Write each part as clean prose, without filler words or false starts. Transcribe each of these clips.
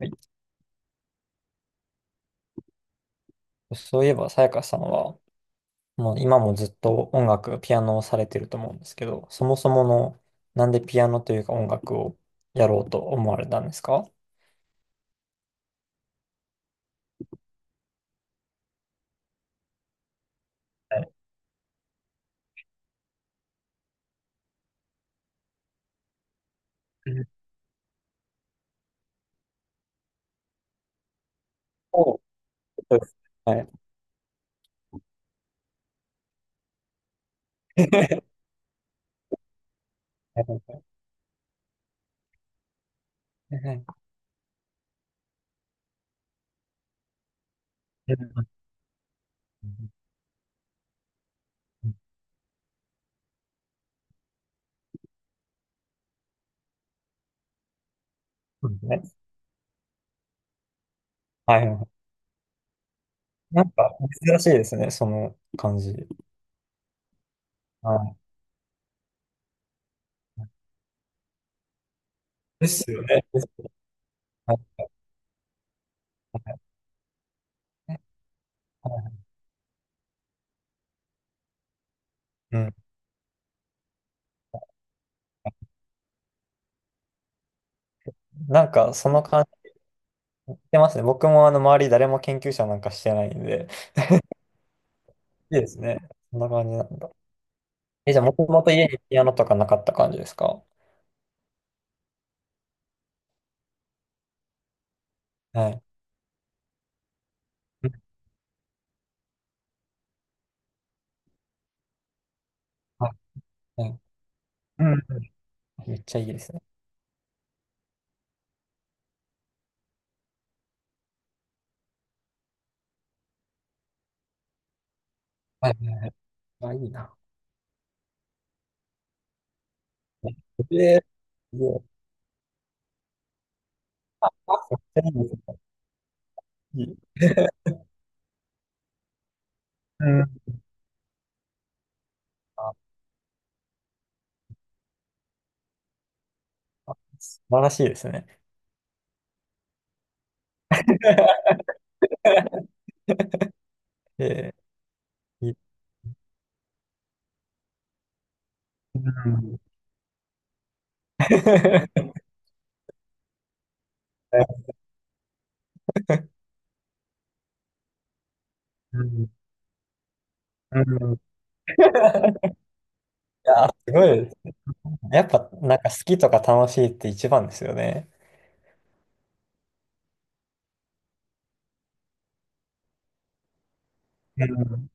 はい。そういえば、さやかさんは、もう今もずっと音楽、ピアノをされてると思うんですけど、そもそもの、なんでピアノというか音楽をやろうと思われたんですか？はい。う。そう。そうです。はい。はい。はい。そうですね。はいはいはい。なんか珍しいですね、その感じ。はい。ですよね。はい。はい。うん。なんかその感じしてますね。僕もあの周り誰も研究者なんかしてないんで、いいですね。そんな感じなんだ。え、じゃあ、もともと家にピアノとかなかった感じですか？はい。うん。はい。はい。うん。うん。めっちゃいいですね。はいはい。あ、いいな。で、いい。あ、めっちゃいいですね。いい。うん。あ、あ素晴らしいですね。えいい。うん。うん。うん。いや、すごいです。やっぱ、なんか好きとか楽しいって一番ですよね。うん。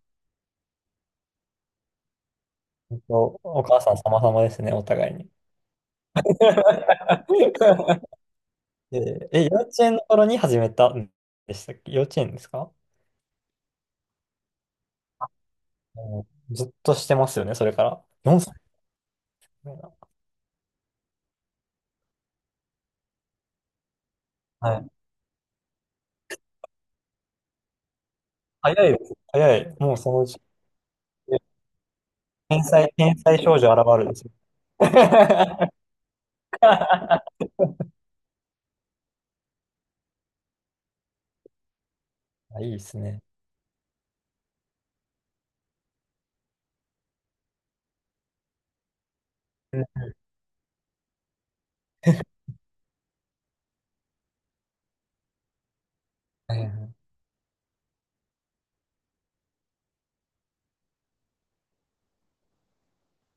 本当お母さん様々ですね、お互いに。で幼稚園の頃に始めたんでしたっけ？幼稚園ですか？もうずっとしてますよね、それから。4歳みたいな。はい。早いです。早い。もうそのうち、天才、天才少女現るですよ。あ、いいですね。はいはい。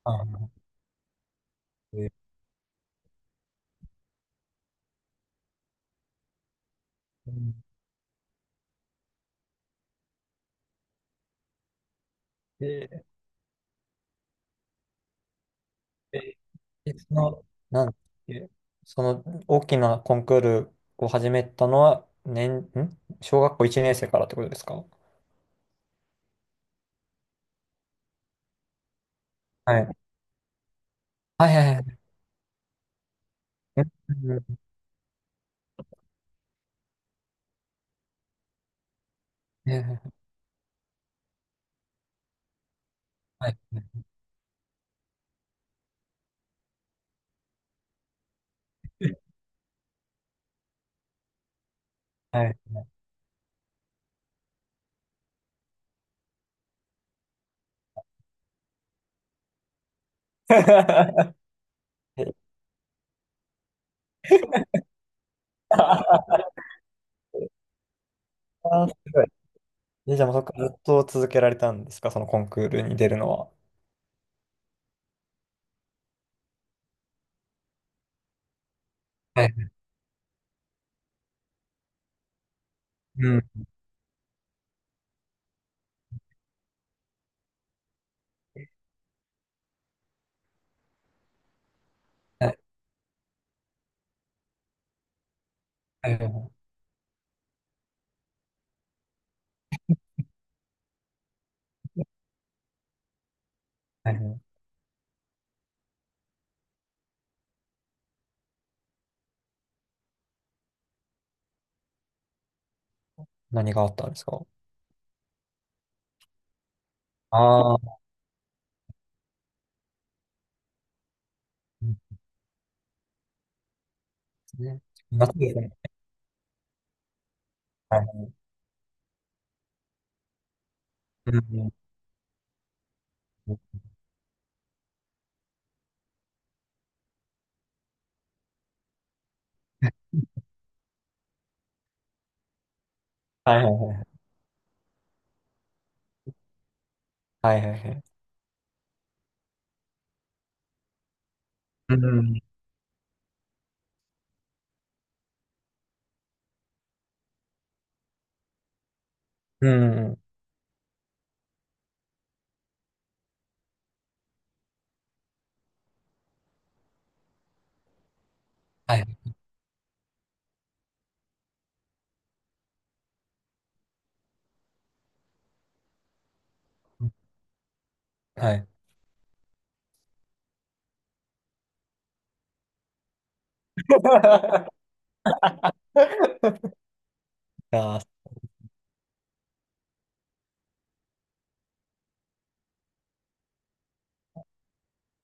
あ、で、でででその、なんだっけ、その大きなコンクールを始めたのは、小学校1年生からってことですか？はい。はいはいはい。うんうんうん。はい。はい。あー、すごい。え、じゃあもうそこからずっと続けられたんですか、そのコンクールに出るのは。はい。うん。はい。はい。はい。何があったんですか？ああー、うんすね。夏ですね。はい。うん。はいはいはいはい。はいはいはい。うん。うん。はい。うん。はいはい。 いやー、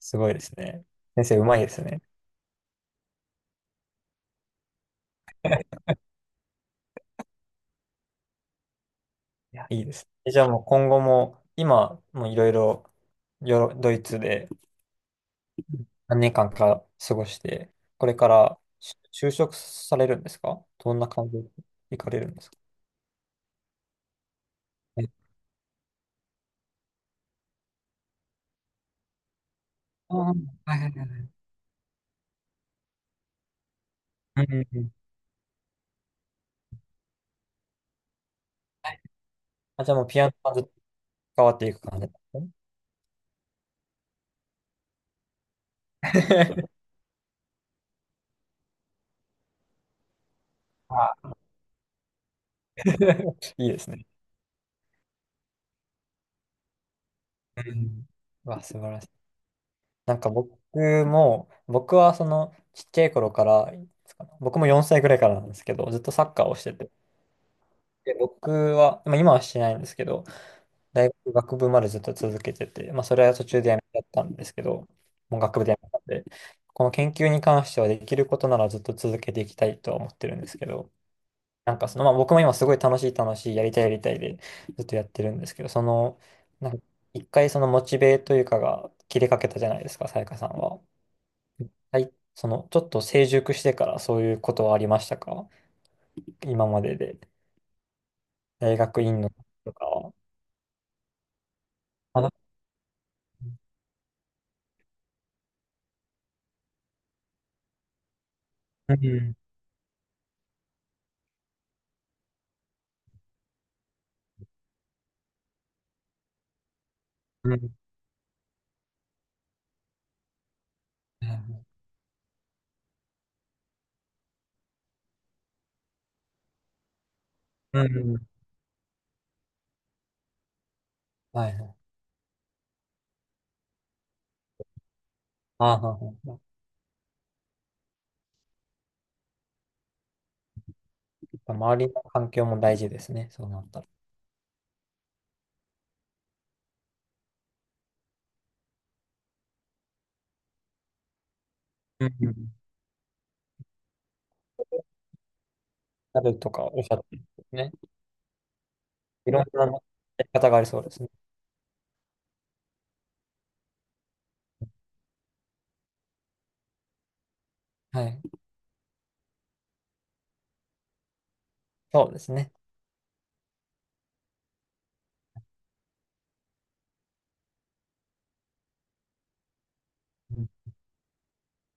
すごいですね。先生、うまいですね。いや、いいです。え、じゃあもう今後も、今、もういろいろ、よろ、ドイツで、何年間か過ごして、これからし就職されるんですか？どんな感じで行かれるんですか？え、ああ、はい。はいはいはい。うんうんうん。はい。あ、じゃあもうピアノはずっと変わっていく感じなんですね。あ。 いいですね。うん。うわ、素晴らしい。なんか僕も、僕はそのちっちゃい頃から、いつかな、僕も4歳ぐらいからなんですけど、ずっとサッカーをしてて。で、僕は、まあ、今はしてないんですけど、大学学部までずっと続けてて、まあ、それは途中でやめちゃったんですけど、もう学部でやめたんで、この研究に関してはできることならずっと続けていきたいとは思ってるんですけど、なんかその、まあ、僕も今すごい楽しい楽しい、やりたいやりたいでずっとやってるんですけど、その、なんか一回そのモチベというかが切れかけたじゃないですか、さやかさんは。はい、その、ちょっと成熟してからそういうことはありましたか、今までで。大学院の時とかは。あの、うん。うん。うん。うん。はいはい。ああ、はあはあ。やっぱ周りの環境も大事ですね。そうなったら。うん。うんなるとかおっしゃってますね。いろんなやり方がありそうですね。はい。そうですね。うん。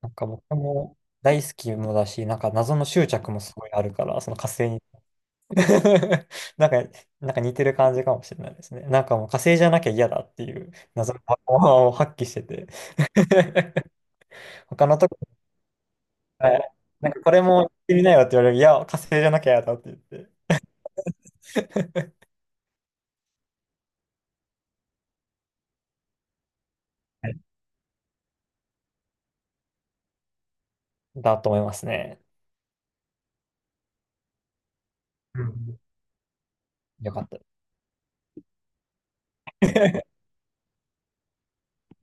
なんか僕も大好きもだし、なんか謎の執着もすごいあるから、その火星に。なんか、なんか似てる感じかもしれないですね。なんかもう火星じゃなきゃ嫌だっていう謎のパワーを発揮してて。他のとこ、はい、なんかこれも行ってみなよって言われる。いや、火星じゃなきゃ嫌だって言って。だと思いますね。うん。よかった。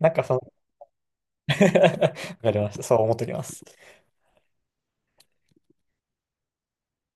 なんかその。 わかりました。そう思っておきます。